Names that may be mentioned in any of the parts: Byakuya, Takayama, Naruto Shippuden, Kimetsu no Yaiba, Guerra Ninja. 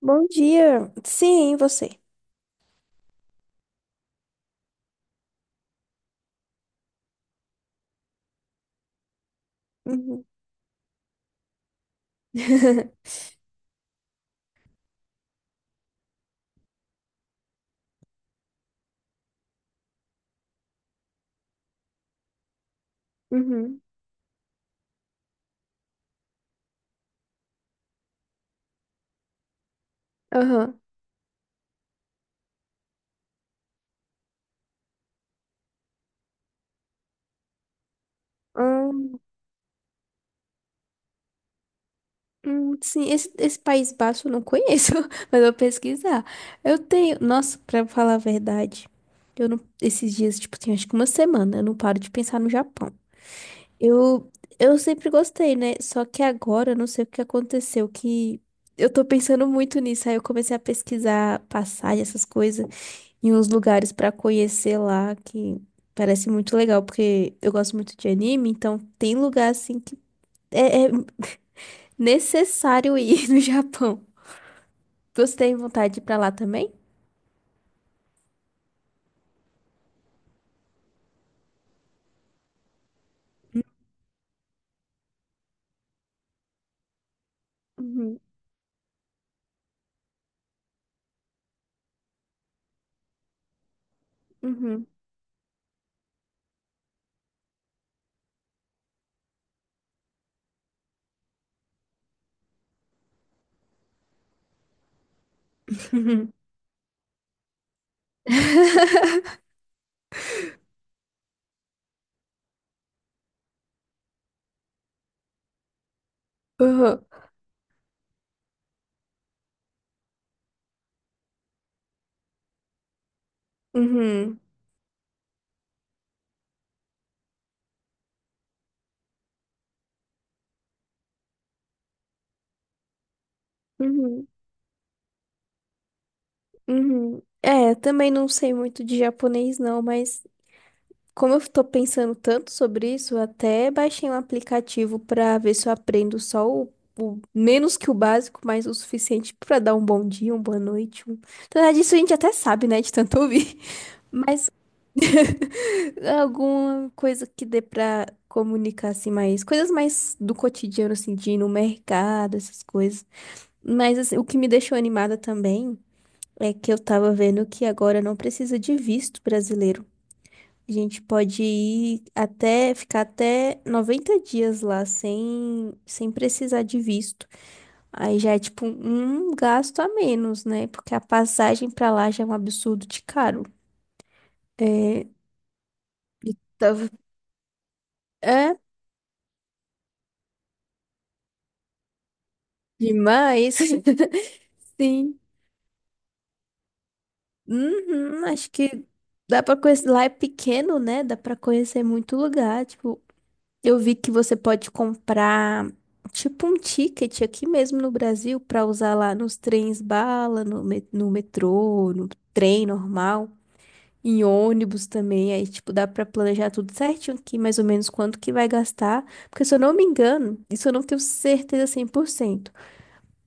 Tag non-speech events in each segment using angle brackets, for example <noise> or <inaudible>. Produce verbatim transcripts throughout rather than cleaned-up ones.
Bom dia. Sim, e você. Uhum. <laughs> Uhum. Aham. Hum, hum, sim, esse, esse País Baixo eu não conheço, <laughs> mas eu vou pesquisar. Eu tenho. Nossa, pra falar a verdade, eu não. Esses dias, tipo, tem acho que uma semana, eu não paro de pensar no Japão. Eu, eu sempre gostei, né? Só que agora, eu não sei o que aconteceu, que eu tô pensando muito nisso. Aí eu comecei a pesquisar passagem, essas coisas. E uns lugares pra conhecer lá que parece muito legal, porque eu gosto muito de anime, então tem lugar assim que é, é necessário ir <laughs> no Japão. Você tem vontade de ir pra lá também? Uhum, uhum, uhum. <laughs> Uhum, uhum, uhum, uhum. É, também não sei muito de japonês, não, mas. Como eu tô pensando tanto sobre isso, eu até baixei um aplicativo pra ver se eu aprendo só o, o- menos que o básico, mas o suficiente pra dar um bom dia, uma boa noite. Um... Na verdade, isso a gente até sabe, né, de tanto ouvir. <laughs> Mas <laughs> alguma coisa que dê pra comunicar assim mais, coisas mais do cotidiano assim, de ir no mercado, essas coisas. Mas assim, o que me deixou animada também é que eu tava vendo que agora não precisa de visto brasileiro. A gente pode ir até, ficar até noventa dias lá sem, sem precisar de visto. Aí já é tipo um gasto a menos, né? Porque a passagem pra lá já é um absurdo de caro. É, e tava- É demais. <laughs> Sim. Uhum, acho que dá pra conhecer. Lá é pequeno, né? Dá pra conhecer muito lugar. Tipo, eu vi que você pode comprar tipo um ticket aqui mesmo no Brasil para usar lá nos trens bala, no, me- no metrô, no trem normal, em ônibus também. Aí, tipo, dá para planejar tudo certinho aqui, mais ou menos quanto que vai gastar. Porque se eu não me engano, isso eu não tenho certeza cem por cento.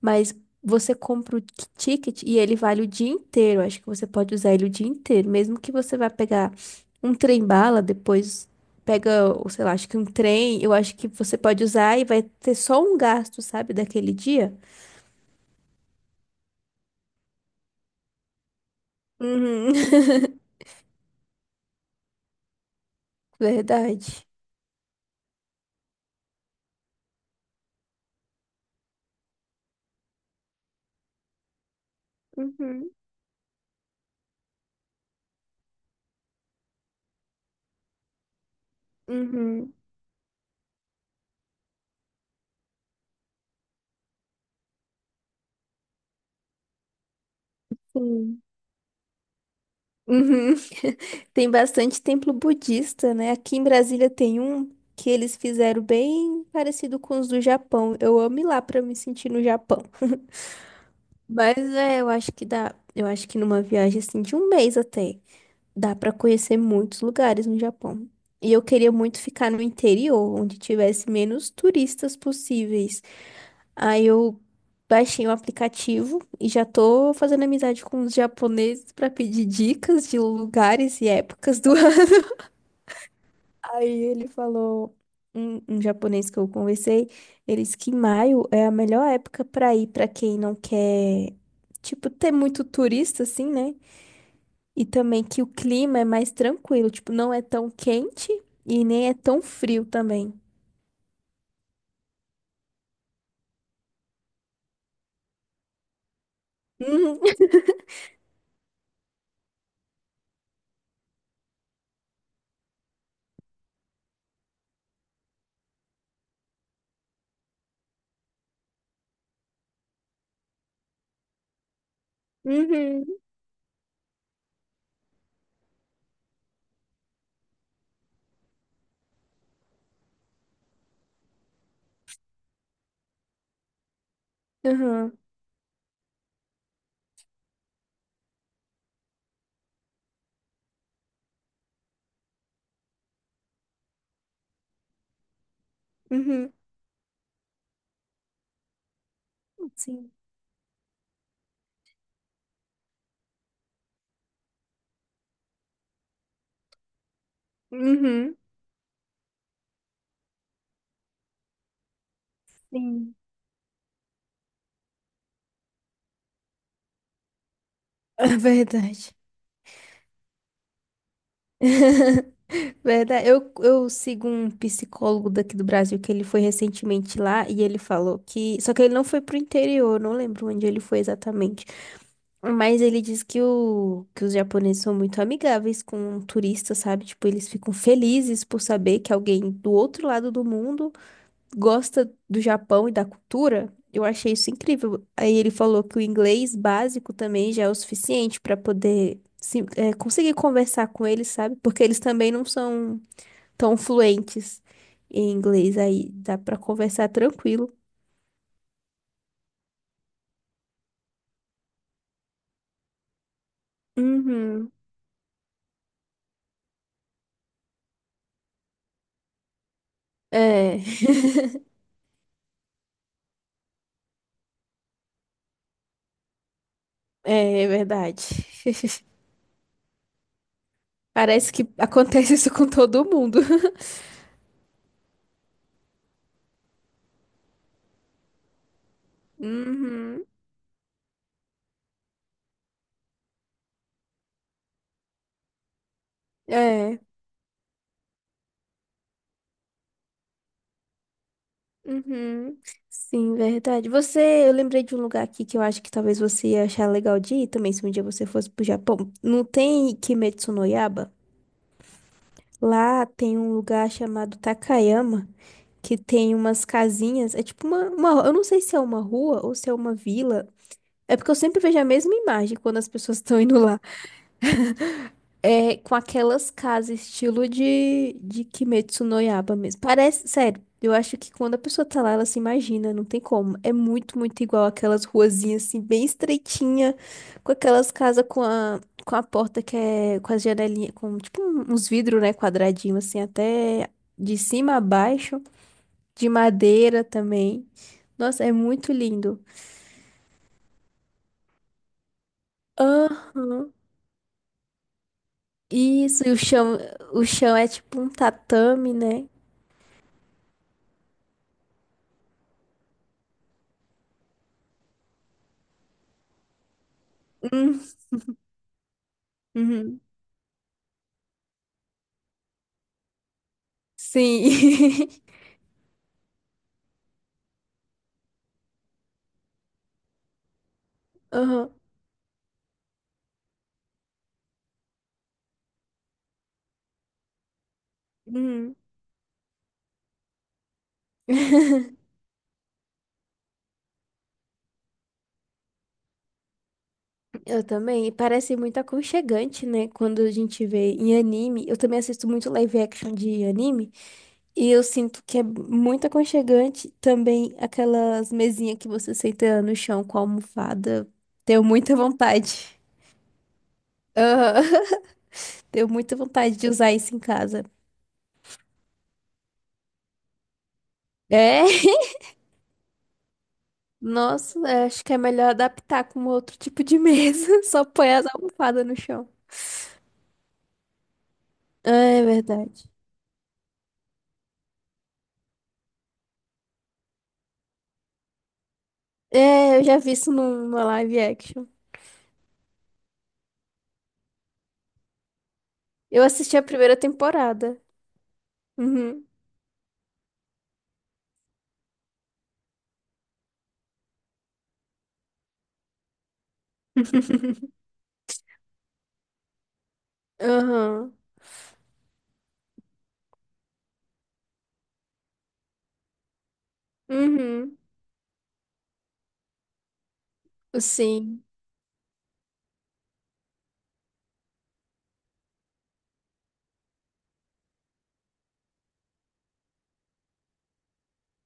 Mas você compra o t- ticket e ele vale o dia inteiro. Acho que você pode usar ele o dia inteiro. Mesmo que você vá pegar um trem-bala, depois pega, ou sei lá, acho que um trem, eu acho que você pode usar e vai ter só um gasto, sabe, daquele dia. Uhum. <laughs> Verdade. Uhum. Uhum. Sim. Uhum. <laughs> Tem bastante templo budista, né? Aqui em Brasília tem um que eles fizeram bem parecido com os do Japão. Eu amo ir lá para me sentir no Japão. Mas é, eu acho que dá. Eu acho que numa viagem assim de um mês até, dá pra conhecer muitos lugares no Japão. E eu queria muito ficar no interior, onde tivesse menos turistas possíveis. Aí eu baixei o aplicativo e já tô fazendo amizade com os japoneses pra pedir dicas de lugares e épocas do <laughs> Aí ele falou, um, um japonês que eu conversei, ele disse que maio é a melhor época para ir para quem não quer, tipo, ter muito turista, assim, né? E também que o clima é mais tranquilo, tipo, não é tão quente e nem é tão frio também. Uhum, <laughs> uhum, uhum, uhum, sim, uhum, sim. <laughs> É verdade. <laughs> Verdade. Eu, eu sigo um psicólogo daqui do Brasil que ele foi recentemente lá e ele falou que. Só que ele não foi pro interior, não lembro onde ele foi exatamente. Mas ele diz que, o, que os japoneses são muito amigáveis com turistas, sabe? Tipo, eles ficam felizes por saber que alguém do outro lado do mundo gosta do Japão e da cultura, eu achei isso incrível. Aí ele falou que o inglês básico também já é o suficiente para poder se- é, conseguir conversar com eles, sabe? Porque eles também não são tão fluentes em inglês, aí dá para conversar tranquilo. Uhum. É, é, é verdade. <laughs> Parece que acontece isso com todo mundo. <laughs> Uhum. É. Uhum. Sim, verdade. Você, eu lembrei de um lugar aqui que eu acho que talvez você ia achar legal de ir também, se um dia você fosse pro Japão. Não tem Kimetsu no Yaiba? Lá tem um lugar chamado Takayama, que tem umas casinhas, é tipo uma, uma, eu não sei se é uma rua ou se é uma vila. É porque eu sempre vejo a mesma imagem quando as pessoas <laughs> estão indo lá. É com aquelas casas estilo de, de Kimetsu no Yaiba mesmo. Parece, sério, eu acho que quando a pessoa tá lá, ela se imagina, não tem como. É muito, muito igual aquelas ruazinhas assim, bem estreitinha, com aquelas casas com a, com a porta que é com as janelinhas, com tipo um- uns vidros, né, quadradinho assim, até de cima a baixo, de madeira também. Nossa, é muito lindo. Aham. Isso, e o chão, o chão é tipo um tatame, né? Hum, uhum. Sim. <laughs> Aham. Uhum. <laughs> Eu também. E parece muito aconchegante, né? Quando a gente vê em anime. Eu também assisto muito live action de anime. E eu sinto que é muito aconchegante. Também aquelas mesinhas que você senta no chão com a almofada. Tenho muita vontade. Aham. <laughs> Tenho muita vontade de usar isso em casa. É? <laughs> Nossa, é, acho que é melhor adaptar com outro tipo de mesa. <laughs> Só põe as almofadas no chão. Ah, é verdade. É, eu já vi isso numa live action. Eu assisti a primeira temporada. Uhum. <laughs> Aham. Uhum. Sim.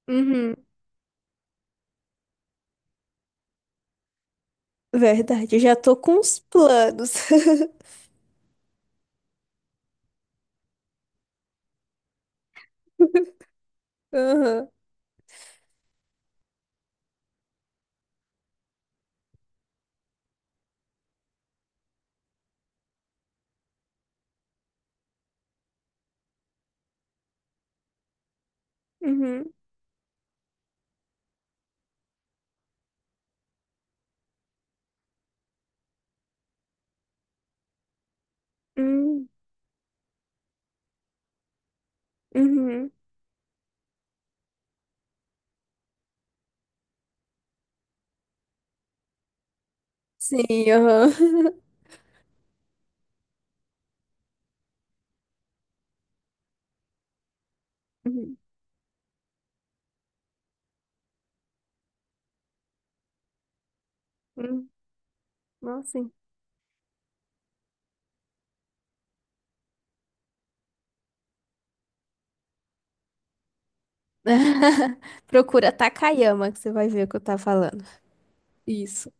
Uhum. Verdade, eu já tô com os planos. <laughs> Aham. Uhum. Uhum. Uhum. Sim, aham. <laughs> Uhum. Uhum. Nossa, sim. <laughs> Procura Takayama, que você vai ver o que eu tava falando. Isso.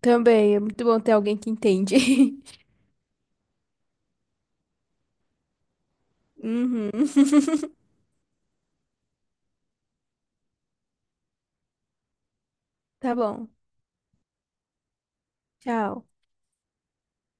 Também é muito bom ter alguém que entende. <laughs> Uhum. <laughs> Tá bom. Tchau.